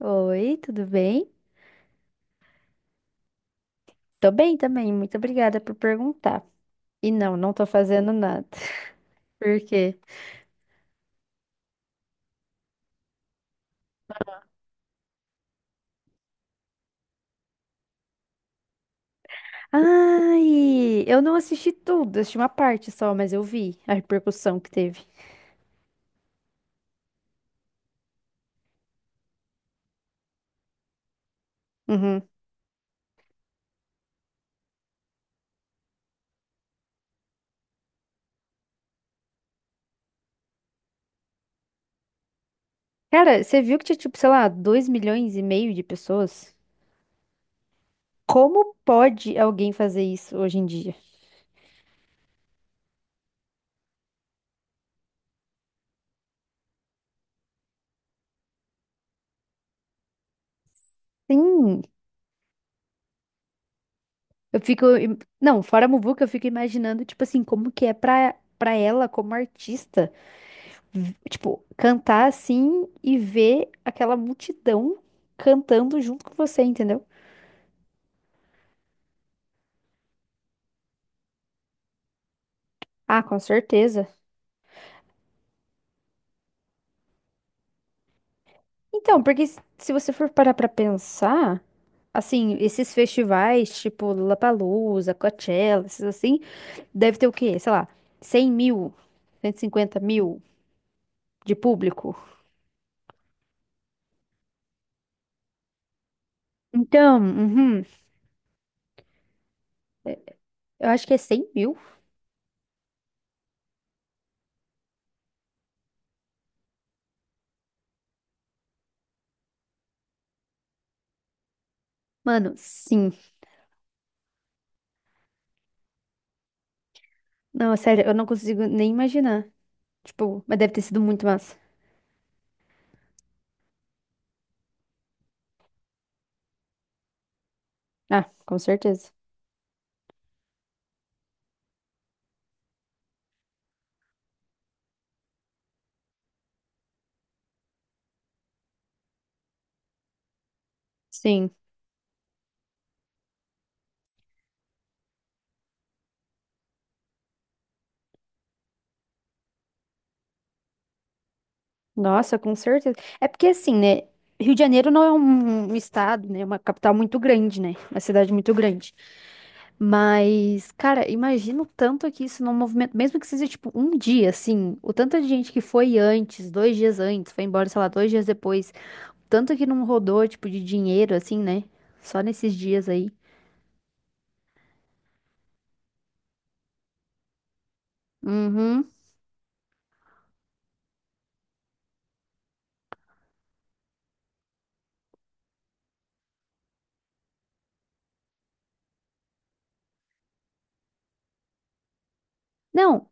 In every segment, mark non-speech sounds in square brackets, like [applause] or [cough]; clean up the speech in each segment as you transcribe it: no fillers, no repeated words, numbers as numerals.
Oi, tudo bem? Tô bem também, muito obrigada por perguntar. E não, não tô fazendo nada. [laughs] Por quê? Ai, eu não assisti tudo, assisti uma parte só, mas eu vi a repercussão que teve. Uhum. Cara, você viu que tinha, tipo, sei lá, 2,5 milhões de pessoas? Como pode alguém fazer isso hoje em dia? Sim, eu fico. Não, fora a Muvuca, eu fico imaginando, tipo assim, como que é pra ela como artista. Tipo, cantar assim e ver aquela multidão cantando junto com você, entendeu? Ah, com certeza. Então, porque se você for parar pra pensar, assim, esses festivais, tipo Lollapalooza, Coachella, esses assim, deve ter o quê? Sei lá, 100 mil, 150 mil de público. Então, uhum, eu acho que é 100 mil. Mano, sim. Não, sério, eu não consigo nem imaginar. Tipo, mas deve ter sido muito massa. Ah, com certeza. Sim. Nossa, com certeza. É porque assim, né? Rio de Janeiro não é um estado, né? É uma capital muito grande, né? Uma cidade muito grande. Mas, cara, imagina o tanto que isso não movimenta, mesmo que seja tipo um dia, assim, o tanto de gente que foi antes, 2 dias antes, foi embora, sei lá, 2 dias depois, tanto que não rodou, tipo, de dinheiro, assim, né? Só nesses dias aí. Uhum. Não,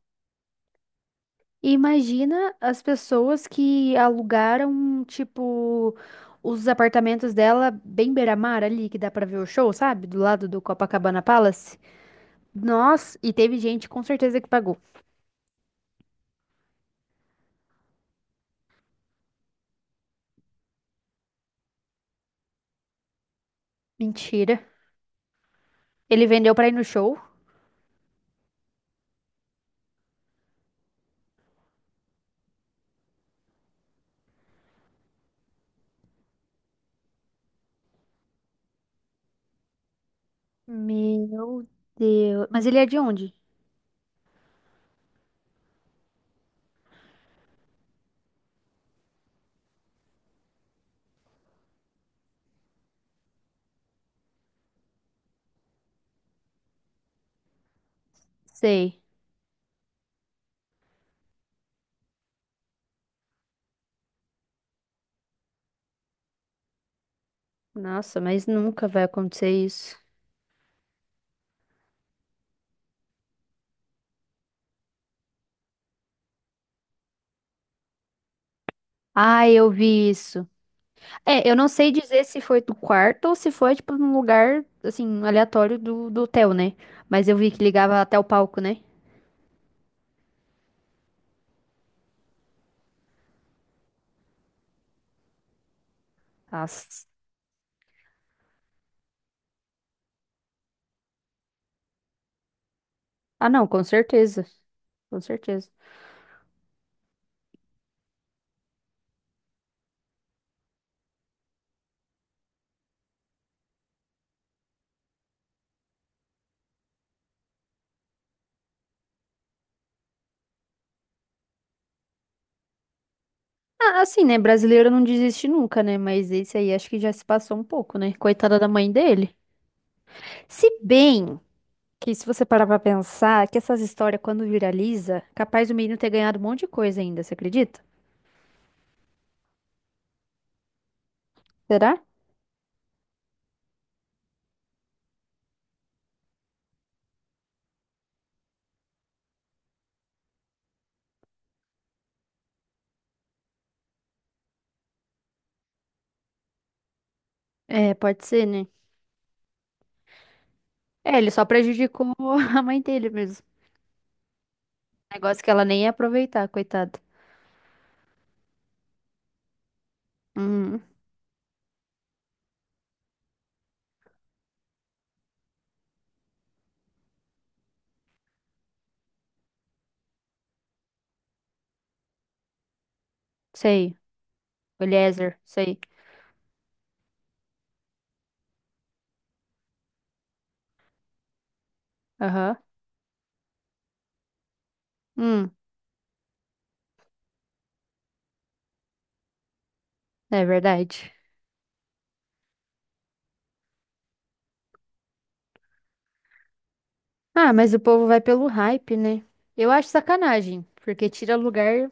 e imagina as pessoas que alugaram, tipo, os apartamentos dela bem beira-mar ali, que dá pra ver o show, sabe? Do lado do Copacabana Palace. Nossa, e teve gente com certeza que pagou. Mentira. Ele vendeu pra ir no show? Meu Deus. Mas ele é de onde? Sei. Nossa, mas nunca vai acontecer isso. Ah, eu vi isso. É, eu não sei dizer se foi do quarto ou se foi, tipo, num lugar, assim, aleatório do hotel, né? Mas eu vi que ligava até o palco, né? As- Ah, não, com certeza. Com certeza. Ah, assim, né? Brasileiro não desiste nunca, né? Mas esse aí acho que já se passou um pouco, né? Coitada da mãe dele. Se bem que, se você parar pra pensar, que essas histórias, quando viraliza, capaz do menino ter ganhado um monte de coisa ainda, você acredita? Será? É, pode ser, né? É, ele só prejudicou [laughs] a mãe dele mesmo. Negócio que ela nem ia aproveitar, coitado. Hum, sei. Eliezer, sei. Aham. Hum, é verdade. Ah, mas o povo vai pelo hype, né? Eu acho sacanagem, porque tira lugar.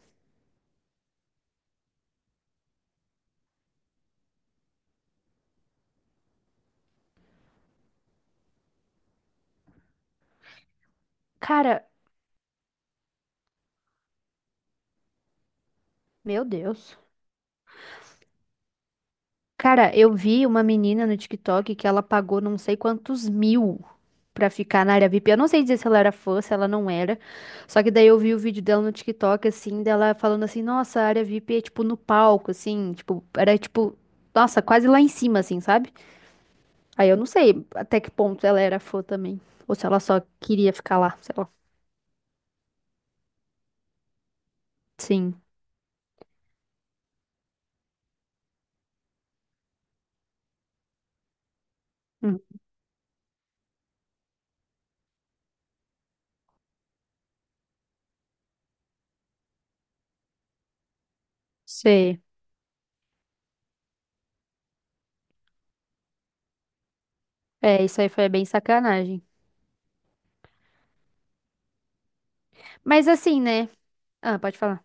Cara, meu Deus. Cara, eu vi uma menina no TikTok que ela pagou não sei quantos mil pra ficar na área VIP. Eu não sei dizer se ela era fã, se ela não era. Só que daí eu vi o vídeo dela no TikTok, assim, dela falando assim, nossa, a área VIP é tipo no palco, assim, tipo, era tipo, nossa, quase lá em cima, assim, sabe? Aí eu não sei até que ponto ela era fã também. Ou se ela só queria ficar lá, sei lá. Sim. Hum, sei. É, isso aí foi bem sacanagem. Mas assim, né? Ah, pode falar.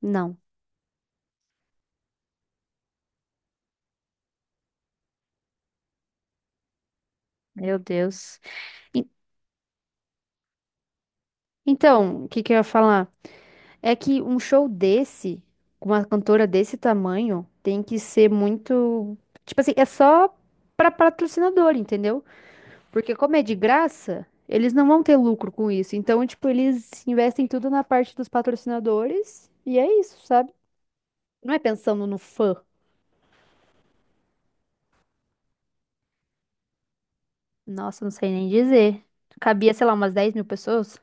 Não. Meu Deus. En- Então, o que que eu ia falar? É que um show desse, com uma cantora desse tamanho, tem que ser muito. Tipo assim, é só pra patrocinador, entendeu? Porque como é de graça, eles não vão ter lucro com isso. Então, tipo, eles investem tudo na parte dos patrocinadores e é isso, sabe? Não é pensando no fã. Nossa, não sei nem dizer. Cabia, sei lá, umas 10 mil pessoas?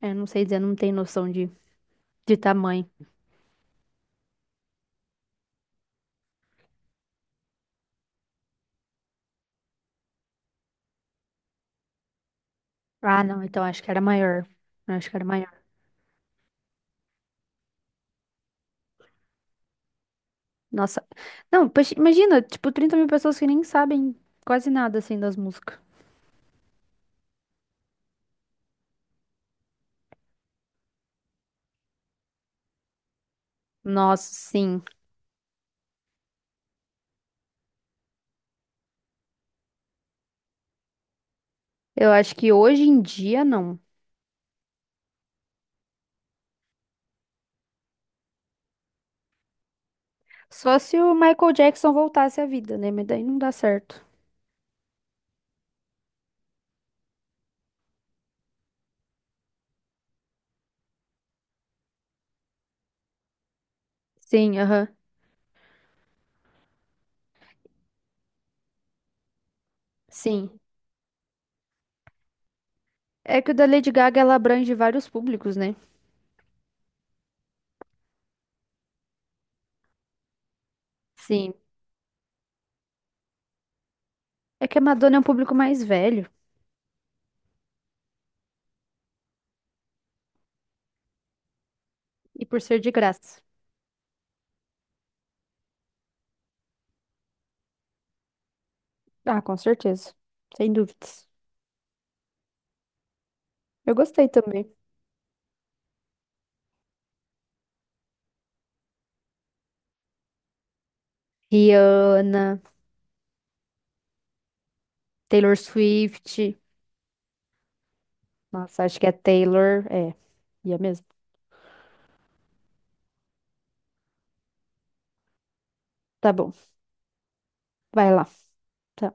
Eu não sei dizer, não tenho noção de tamanho. Ah, não, então acho que era maior. Eu acho que era maior. Nossa. Não, poxa, imagina, tipo, 30 mil pessoas que nem sabem quase nada, assim, das músicas. Nossa, sim. Eu acho que hoje em dia, não. Só se o Michael Jackson voltasse à vida, né? Mas daí não dá certo. Sim, aham. Sim. É que o da Lady Gaga ela abrange vários públicos, né? Sim. É que a Madonna é um público mais velho e por ser de graça. Ah, com certeza. Sem dúvidas. Eu gostei também. Rihanna, Taylor Swift. Nossa, acho que é Taylor. É, ia mesmo. Tá bom. Vai lá. Tá.